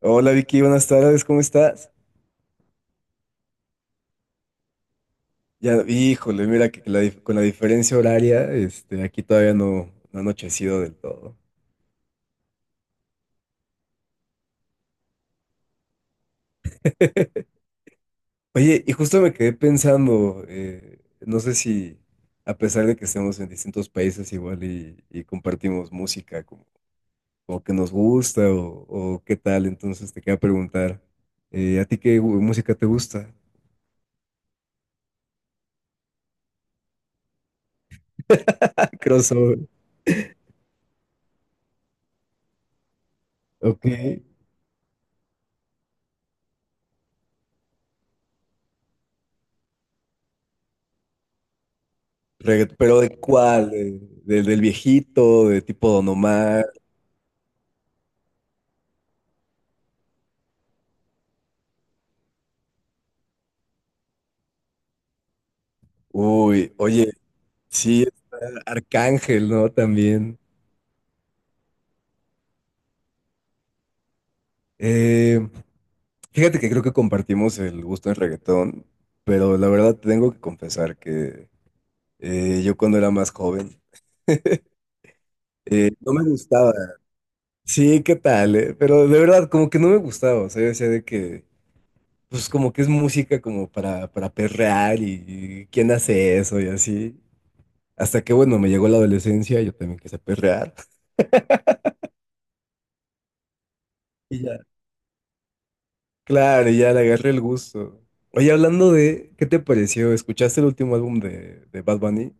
Hola Vicky, buenas tardes, ¿cómo estás? Ya, híjole, mira que con la diferencia horaria, aquí todavía no ha anochecido del todo. Oye, y justo me quedé pensando, no sé si a pesar de que estemos en distintos países igual y compartimos música como que nos gusta o qué tal, entonces te quería preguntar, ¿a ti qué música te gusta? Crossover. Ok. Pero ¿de cuál? ¿del viejito? ¿De tipo Don Omar? Uy, oye, sí, está Arcángel, ¿no? También. Eh, Fíjate que creo que compartimos el gusto en reggaetón, pero la verdad tengo que confesar que yo cuando era más joven no me gustaba. Sí, ¿qué tal? ¿Eh? Pero de verdad, como que no me gustaba. O sea, yo decía de que, pues como que es música como para perrear y quién hace eso y así. Hasta que, bueno, me llegó la adolescencia, yo también quise perrear. Y ya. Claro, ya le agarré el gusto. Oye, hablando de, ¿qué te pareció? ¿Escuchaste el último álbum de Bad Bunny?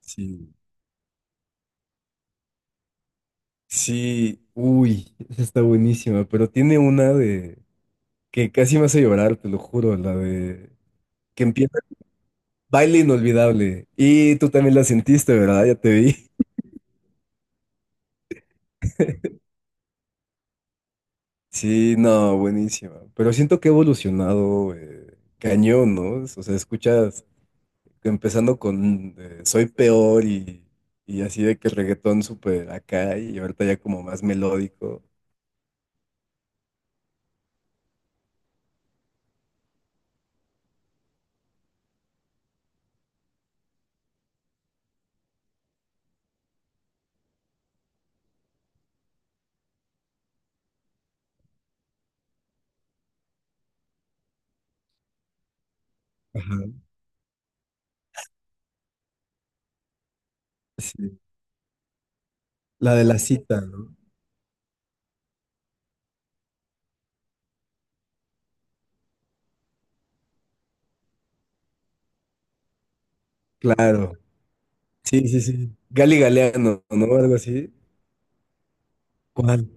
Sí. Sí, uy, esa está buenísima, pero tiene una de que casi me hace llorar, te lo juro, la de que empieza Baile Inolvidable. Y tú también la sentiste, ¿verdad? Ya te vi. Sí, no, buenísima. Pero siento que ha evolucionado cañón, ¿no? O sea, escuchas empezando con Soy Peor y así de que reggaetón súper acá y ahorita ya como más melódico. Ajá, sí. La de la cita, ¿no? Claro, sí, sí, sí. Gali Galeano, ¿no? Algo así. ¿Cuál?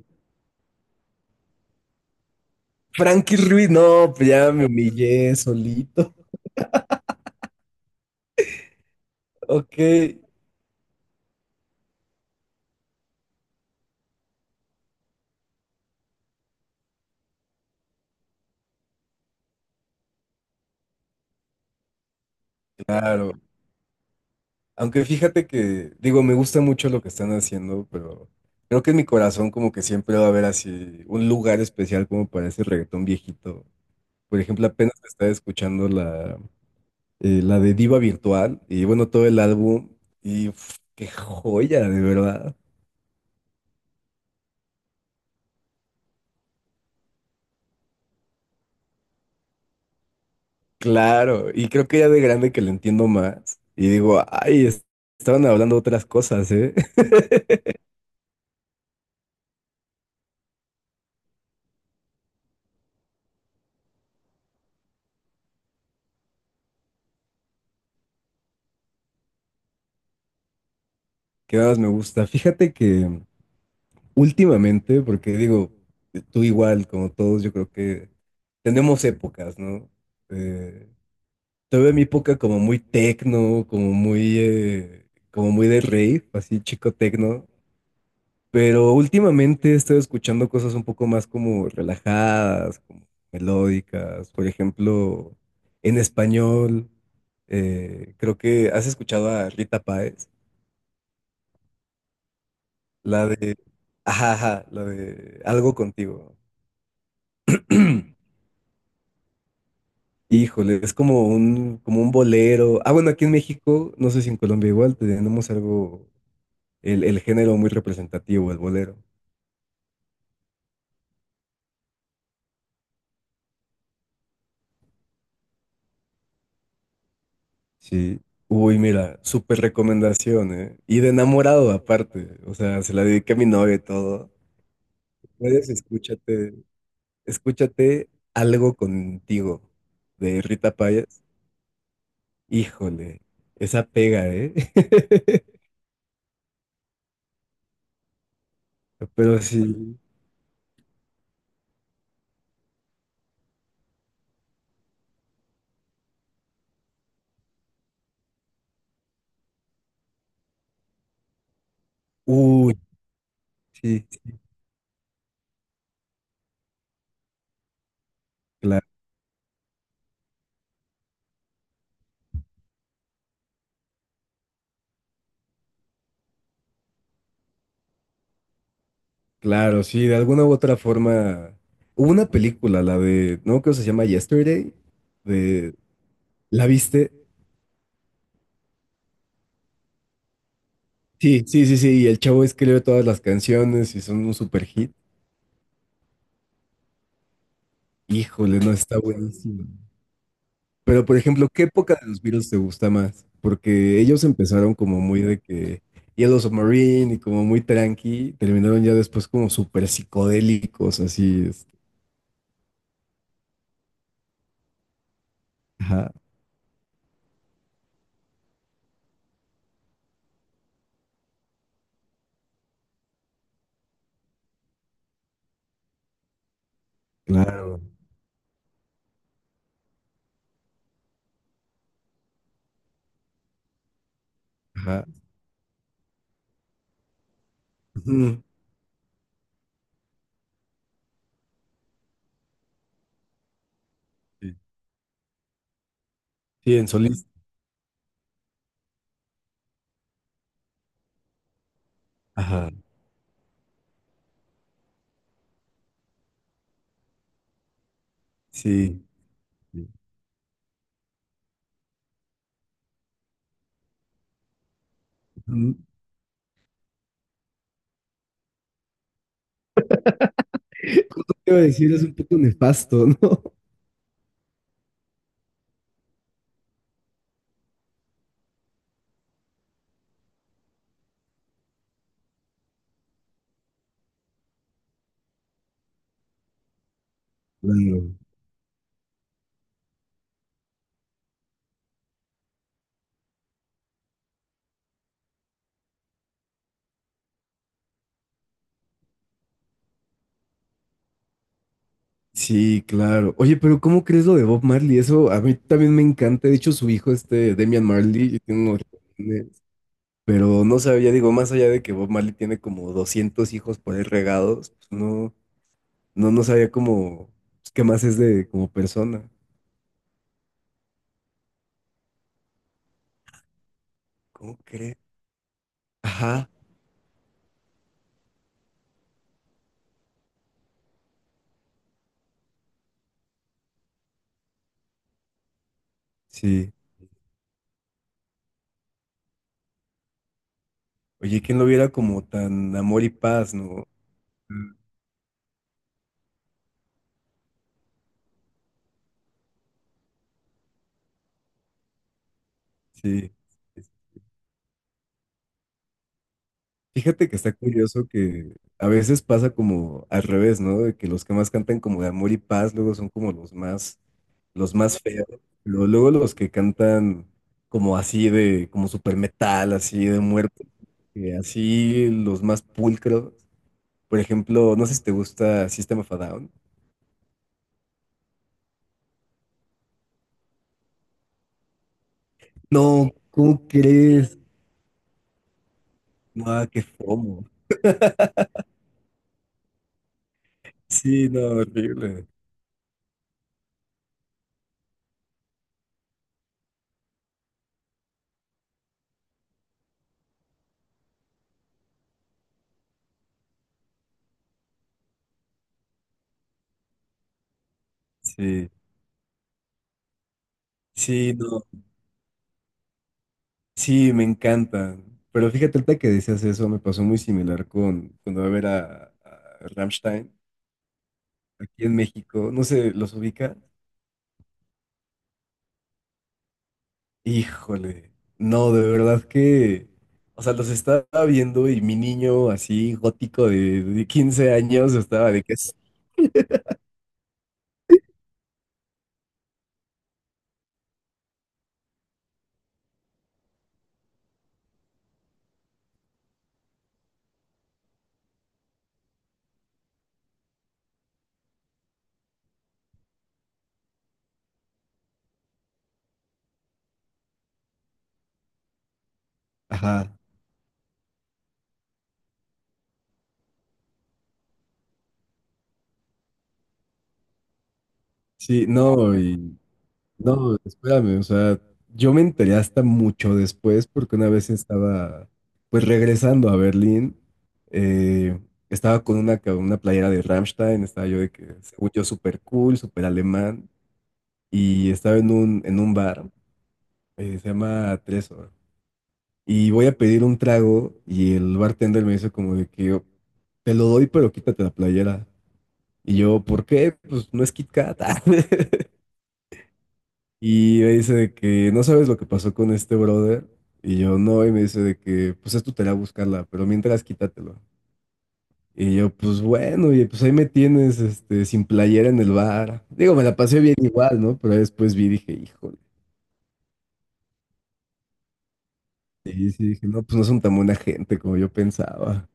Frankie Ruiz, no, pues ya me humillé solito. Ok, claro. Aunque fíjate que, digo, me gusta mucho lo que están haciendo, pero creo que en mi corazón como que siempre va a haber así un lugar especial como para ese reggaetón viejito. Por ejemplo, apenas estaba escuchando la de Diva Virtual y bueno, todo el álbum y uf, qué joya, de verdad. Claro, y creo que ya de grande que lo entiendo más y digo, ay, estaban hablando otras cosas, ¿eh? ¿Qué más me gusta? Fíjate que últimamente, porque digo, tú igual, como todos, yo creo que tenemos épocas, ¿no? Eh, Tuve mi época como muy tecno, como muy de rave, así chico tecno. Pero últimamente he estado escuchando cosas un poco más como relajadas, como melódicas. Por ejemplo, en español, creo que has escuchado a Rita Páez, la de, ajá, ajá, la de Algo contigo. Híjole, es como un bolero. Ah, bueno, aquí en México, no sé si en Colombia igual, tenemos algo, el género muy representativo, el bolero. Sí. Uy, mira, súper recomendación, ¿eh? Y de enamorado aparte. O sea, se la dediqué a mi novia y todo. Puedes escúchate algo contigo de Rita Payas. Híjole, esa pega, ¿eh? Pero sí. Uy, sí, claro, claro, sí, de alguna u otra forma. Hubo una película, la de, ¿no? Creo que se llama Yesterday, de, ¿la viste? Sí, sí, sí, sí. Y el chavo escribe todas las canciones y son un super hit. Híjole, no, está buenísimo. Pero, por ejemplo, ¿qué época de los Beatles te gusta más? Porque ellos empezaron como muy de que Yellow Submarine y como muy tranqui. Terminaron ya después como súper psicodélicos, así. Ajá, claro. Ajá. Ujú. Sí, sí, en solista. Ajá. Sí. Sí. Mm, Todo te iba a decir es un poco nefasto, ¿no? Claro. Sí, claro. Oye, pero ¿cómo crees lo de Bob Marley? Eso a mí también me encanta. De hecho, su hijo, este Damian Marley, tiene unos riñones. Pero no sabía, digo, más allá de que Bob Marley tiene como 200 hijos por ahí regados, pues no sabía cómo, pues, qué más es de como persona. ¿Cómo crees? Ajá, sí. Oye, ¿quién lo viera como tan amor y paz, no? Mm. Sí. Fíjate que está curioso que a veces pasa como al revés, ¿no? De que los que más cantan como de amor y paz luego son como los más feos. Pero luego los que cantan como así de, como super metal, así de muerte, así los más pulcros. Por ejemplo, no sé si te gusta System of a Down. No, ¿cómo crees? No, qué fomo. Sí, no, horrible. Sí, sí, no. Sí, me encantan. Pero fíjate, ahorita que decías eso, me pasó muy similar con cuando iba a ver a Rammstein aquí en México. No sé, ¿los ubica? Híjole, no, de verdad que. O sea, los estaba viendo y mi niño así gótico de 15 años estaba de que es. Ajá. Sí, no. No, espérame, o sea, yo me enteré hasta mucho después porque una vez estaba, pues regresando a Berlín, eh, estaba con una playera de Rammstein, estaba yo de que, según yo, súper cool, súper alemán, y estaba en un bar, se llama Tresor, y voy a pedir un trago y el bartender me dice como de que yo, te lo doy, pero quítate la playera. Y yo, ¿por qué? Pues no es Kit Kat. Y me dice de que no sabes lo que pasó con este brother. Y yo no, y me dice de que pues es tu tarea buscarla, pero mientras quítatelo. Y yo, pues bueno, y pues ahí me tienes sin playera en el bar. Digo, me la pasé bien igual, ¿no? Pero después vi y dije, híjole. Sí, sí, dije, no, pues no son tan buena gente como yo pensaba.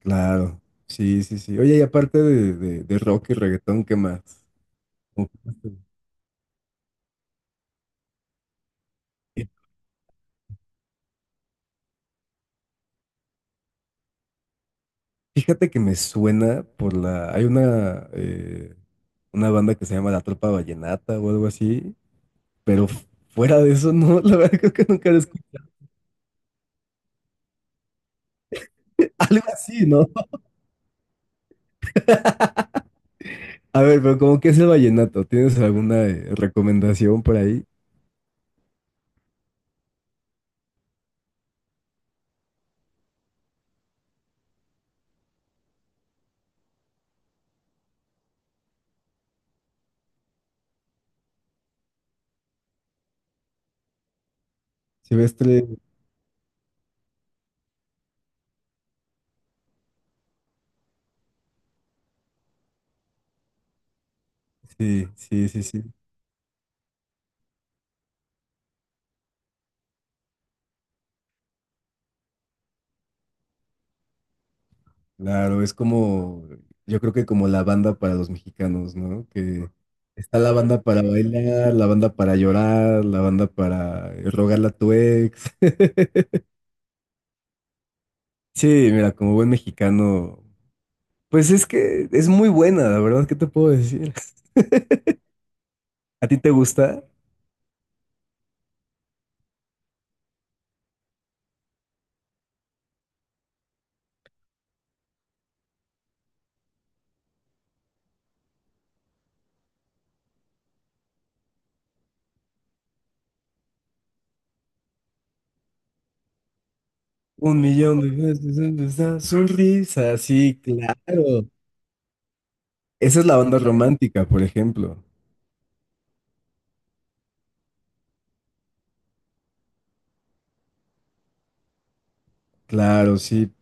Claro, sí, sí, sí. Oye, y aparte de rock y reggaetón, ¿qué más? ¿Cómo que más te gusta? Fíjate que me suena por la. Hay una banda que se llama La Tropa Vallenata o algo así, pero fuera de eso, no, la verdad creo que nunca la escuché. Algo así, ¿no? A ver, pero ¿como que es el vallenato? ¿Tienes alguna recomendación por ahí? Silvestre, sí, sí, sí, sí. Claro, es como, yo creo que como la banda para los mexicanos, ¿no? Que está la banda para bailar, la banda para llorar, la banda para rogarle a tu ex. Sí, mira, como buen mexicano, pues es que es muy buena, la verdad, ¿qué te puedo decir? ¿A ti te gusta? Un millón de veces esa sonrisa, sí, claro. Esa es la banda romántica, por ejemplo. Claro, sí,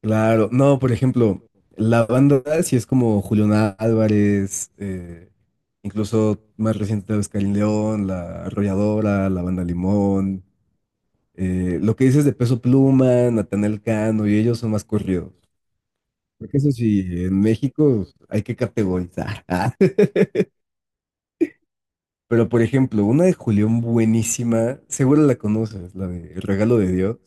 claro. No, por ejemplo, la banda sí es como Julián Álvarez, incluso más reciente tal vez Karin León, La Arrolladora, La Banda Limón. Lo que dices de Peso Pluma, Natanael Cano, y ellos son más corridos. Porque eso sí, en México hay que categorizar. Pero por ejemplo, una de Julián buenísima, seguro la conoces, la de El regalo de Dios,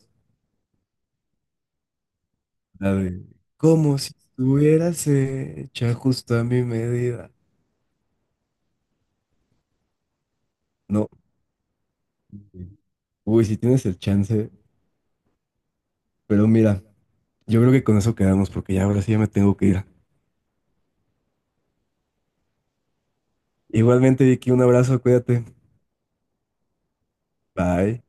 la de como si estuvieras hecha justo a mi medida. No, uy, si tienes el chance, pero mira, yo creo que con eso quedamos porque ya ahora sí ya me tengo que ir. Igualmente, Vicky, un abrazo, cuídate. Bye.